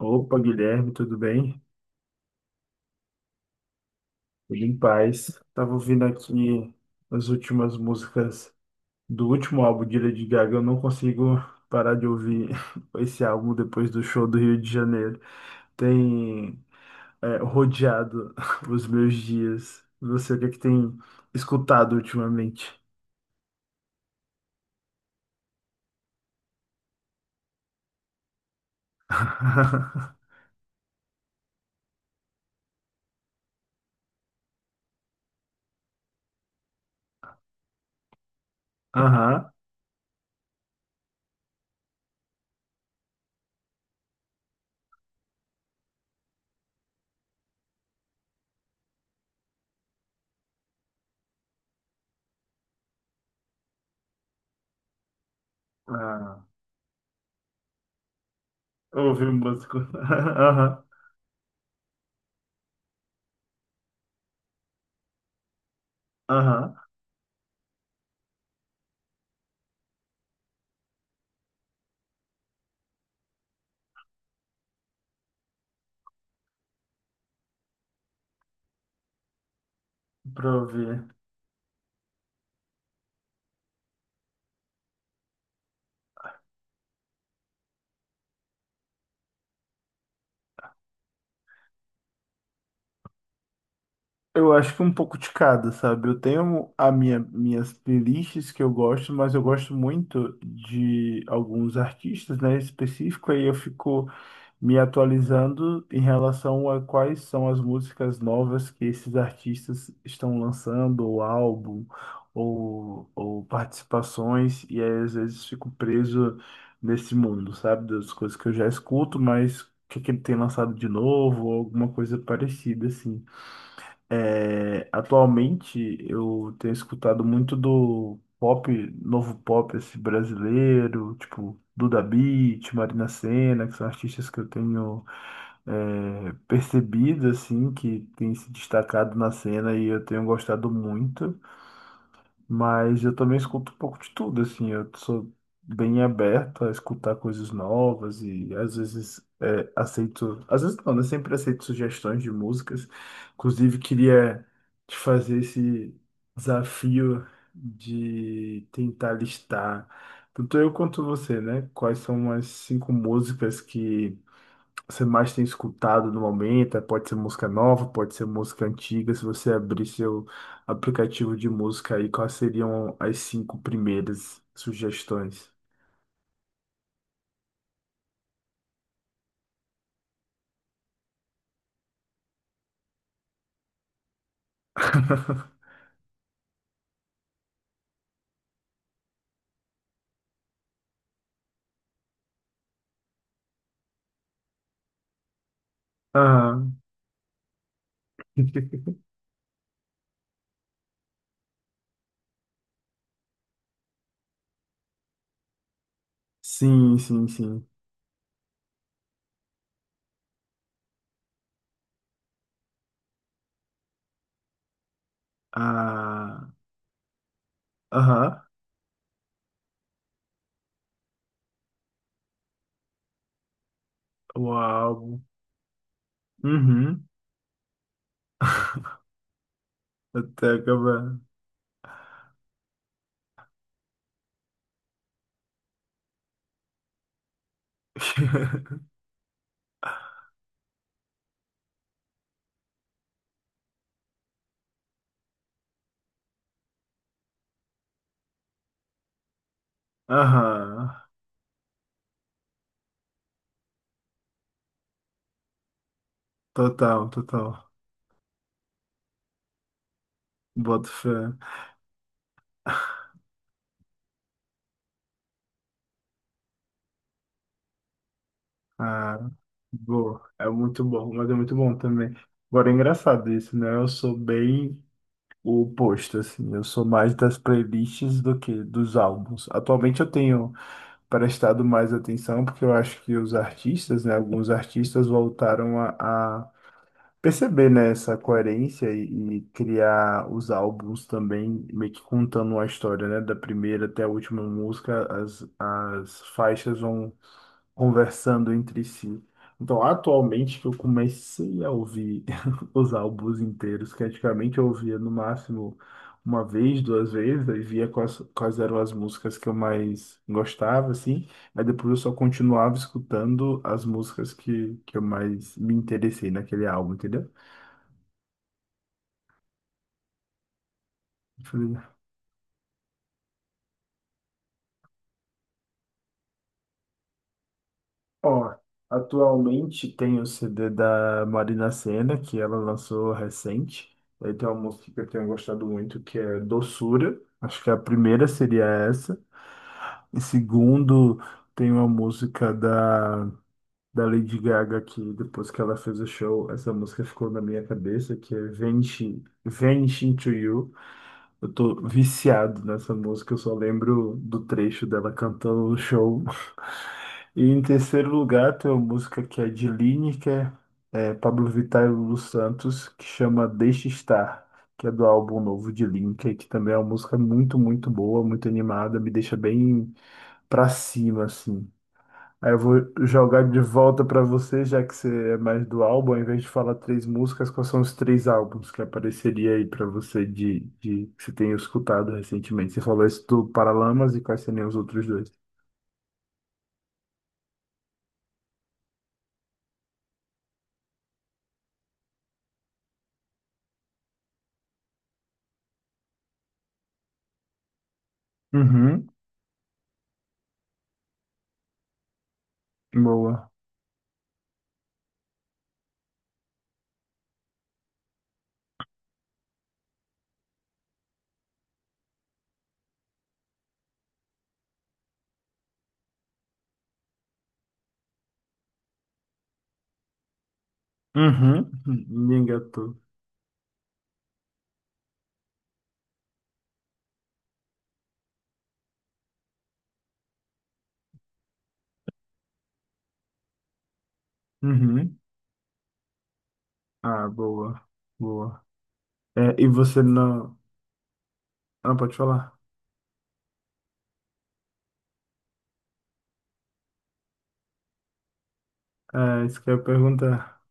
Opa, Guilherme, tudo bem? Tudo em paz. Tava ouvindo aqui as últimas músicas do último álbum de Lady Gaga. Eu não consigo parar de ouvir esse álbum depois do show do Rio de Janeiro. Tem rodeado os meus dias. Você, o que é que tem escutado ultimamente? Aham. Ah, ouvir músico. Aham. Aham. Pra ouvir. Eu acho que um pouco de cada, sabe? Eu tenho minhas playlists que eu gosto, mas eu gosto muito de alguns artistas, né, específico, aí eu fico me atualizando em relação a quais são as músicas novas que esses artistas estão lançando, ou álbum, ou participações, e aí às vezes fico preso nesse mundo, sabe? Das coisas que eu já escuto, mas o que que ele tem lançado de novo, ou alguma coisa parecida, assim. É, atualmente eu tenho escutado muito do pop, novo pop esse brasileiro, tipo Duda Beat, Marina Sena, que são artistas que eu tenho percebido assim, que tem se destacado na cena e eu tenho gostado muito. Mas eu também escuto um pouco de tudo, assim, eu sou bem aberto a escutar coisas novas e às vezes aceito, às vezes não, né? Sempre aceito sugestões de músicas. Inclusive, queria te fazer esse desafio de tentar listar, tanto eu quanto você, né? Quais são as cinco músicas que você mais tem escutado no momento? Pode ser música nova, pode ser música antiga. Se você abrir seu aplicativo de música aí, quais seriam as cinco primeiras sugestões? Aham. Sim, sim, sim. Ah, aham. O álbum. Uhum. Até acabar. Aham. Total, total. Boto fé. Ah, boa. É muito bom, mas é muito bom também. Agora é engraçado isso, né? Eu sou bem o oposto, assim. Eu sou mais das playlists do que dos álbuns. Atualmente eu tenho prestado mais atenção, porque eu acho que os artistas, né? Alguns artistas voltaram a perceber, né, essa coerência e criar os álbuns também, meio que contando uma história, né? Da primeira até a última música, as faixas vão conversando entre si. Então, atualmente que eu comecei a ouvir os álbuns inteiros, que antigamente eu ouvia no máximo uma vez, duas vezes, aí via quais eram as músicas que eu mais gostava, assim, aí depois eu só continuava escutando as músicas que eu mais me interessei naquele álbum, entendeu? Ó, atualmente tem o CD da Marina Sena, que ela lançou recente. Aí tem uma música que eu tenho gostado muito, que é Doçura. Acho que a primeira seria essa. E segundo, tem uma música da Lady Gaga, que depois que ela fez o show, essa música ficou na minha cabeça, que é Venge, Venge Into You. Eu tô viciado nessa música, eu só lembro do trecho dela cantando no show. E em terceiro lugar, tem uma música que é de Lineker, Pablo Vittar e Lulu Santos, que chama Deixa Estar, que é do álbum novo de Lineker, que também é uma música muito, muito boa, muito animada, me deixa bem pra cima, assim. Aí eu vou jogar de volta pra você, já que você é mais do álbum, ao invés de falar três músicas, quais são os três álbuns que apareceria aí pra você de que você tenha escutado recentemente? Você falou esse do Paralamas e quais seriam os outros dois? Uhum, boa. Uhum. Engatou. Uhum. Ah, boa. Boa. É, e você não. Ah, não pode falar. É, isso que eu ia perguntar.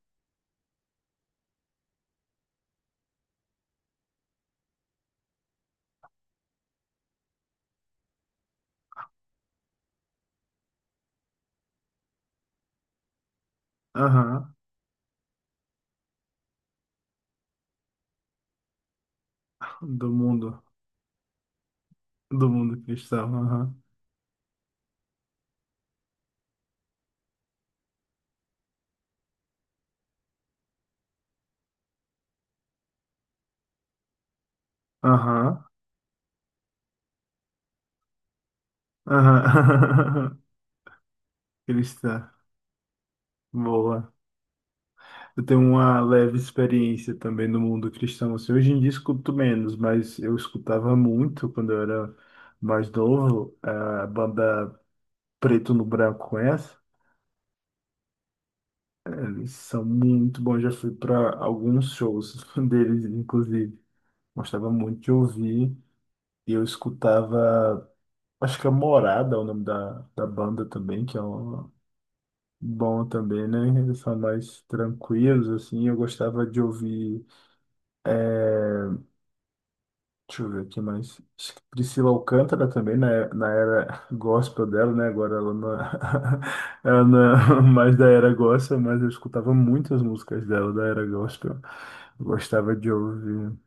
Aham. Do mundo. Do mundo cristão. Aham. Aham. Aham. Cristã. Boa. Eu tenho uma leve experiência também no mundo cristão. Assim, hoje em dia escuto menos, mas eu escutava muito quando eu era mais novo. A banda Preto no Branco, conhece? Eles são muito bons. Já fui para alguns shows deles, inclusive. Gostava muito de ouvir. E eu escutava, acho que é Morada, é o nome da banda também, que é bom também, né? Eles são mais tranquilos, assim. Eu gostava de ouvir, deixa eu ver aqui mais. Acho que Priscila Alcântara também, na era gospel dela, né? Agora ela não, ela não é mais da era gospel, mas eu escutava muitas músicas dela, da era gospel. Eu gostava de ouvir.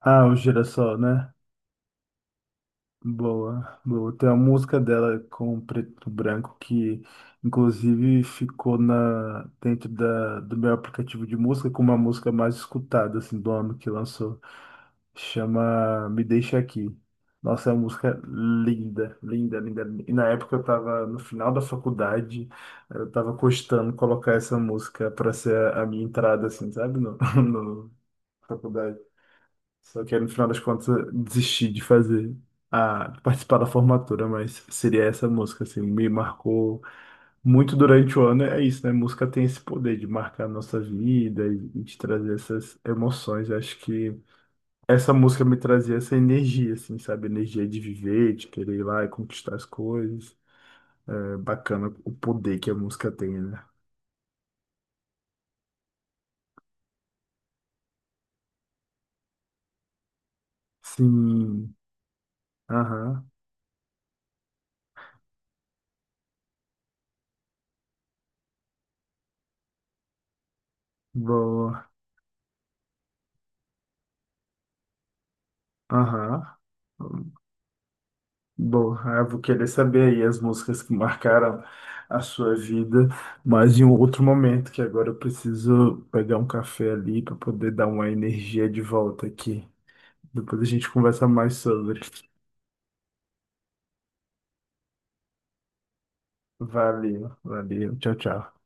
Ah, o Girassol, né? Boa, boa. Tem uma música dela com preto e branco que, inclusive, ficou dentro da, do meu aplicativo de música como a música mais escutada, assim, do ano que lançou. Chama Me Deixa Aqui. Nossa, é uma música linda, linda, linda. E na época eu estava no final da faculdade, eu estava cogitando colocar essa música para ser a minha entrada, assim, sabe? No, faculdade. Só que aí, no final das contas eu desisti de fazer a de participar da formatura, mas seria essa música, assim, me marcou muito durante o ano. É isso, né? Música tem esse poder de marcar a nossa vida e de trazer essas emoções. Eu acho que essa música me trazia essa energia, assim, sabe? Energia de viver, de querer ir lá e conquistar as coisas. É bacana o poder que a música tem, né? Sim. Aham. Boa. Aham. Bom, eu vou querer saber aí as músicas que marcaram a sua vida, mas em um outro momento, que agora eu preciso pegar um café ali para poder dar uma energia de volta aqui. Depois a gente conversa mais sobre. Valeu, valeu, tchau, tchau.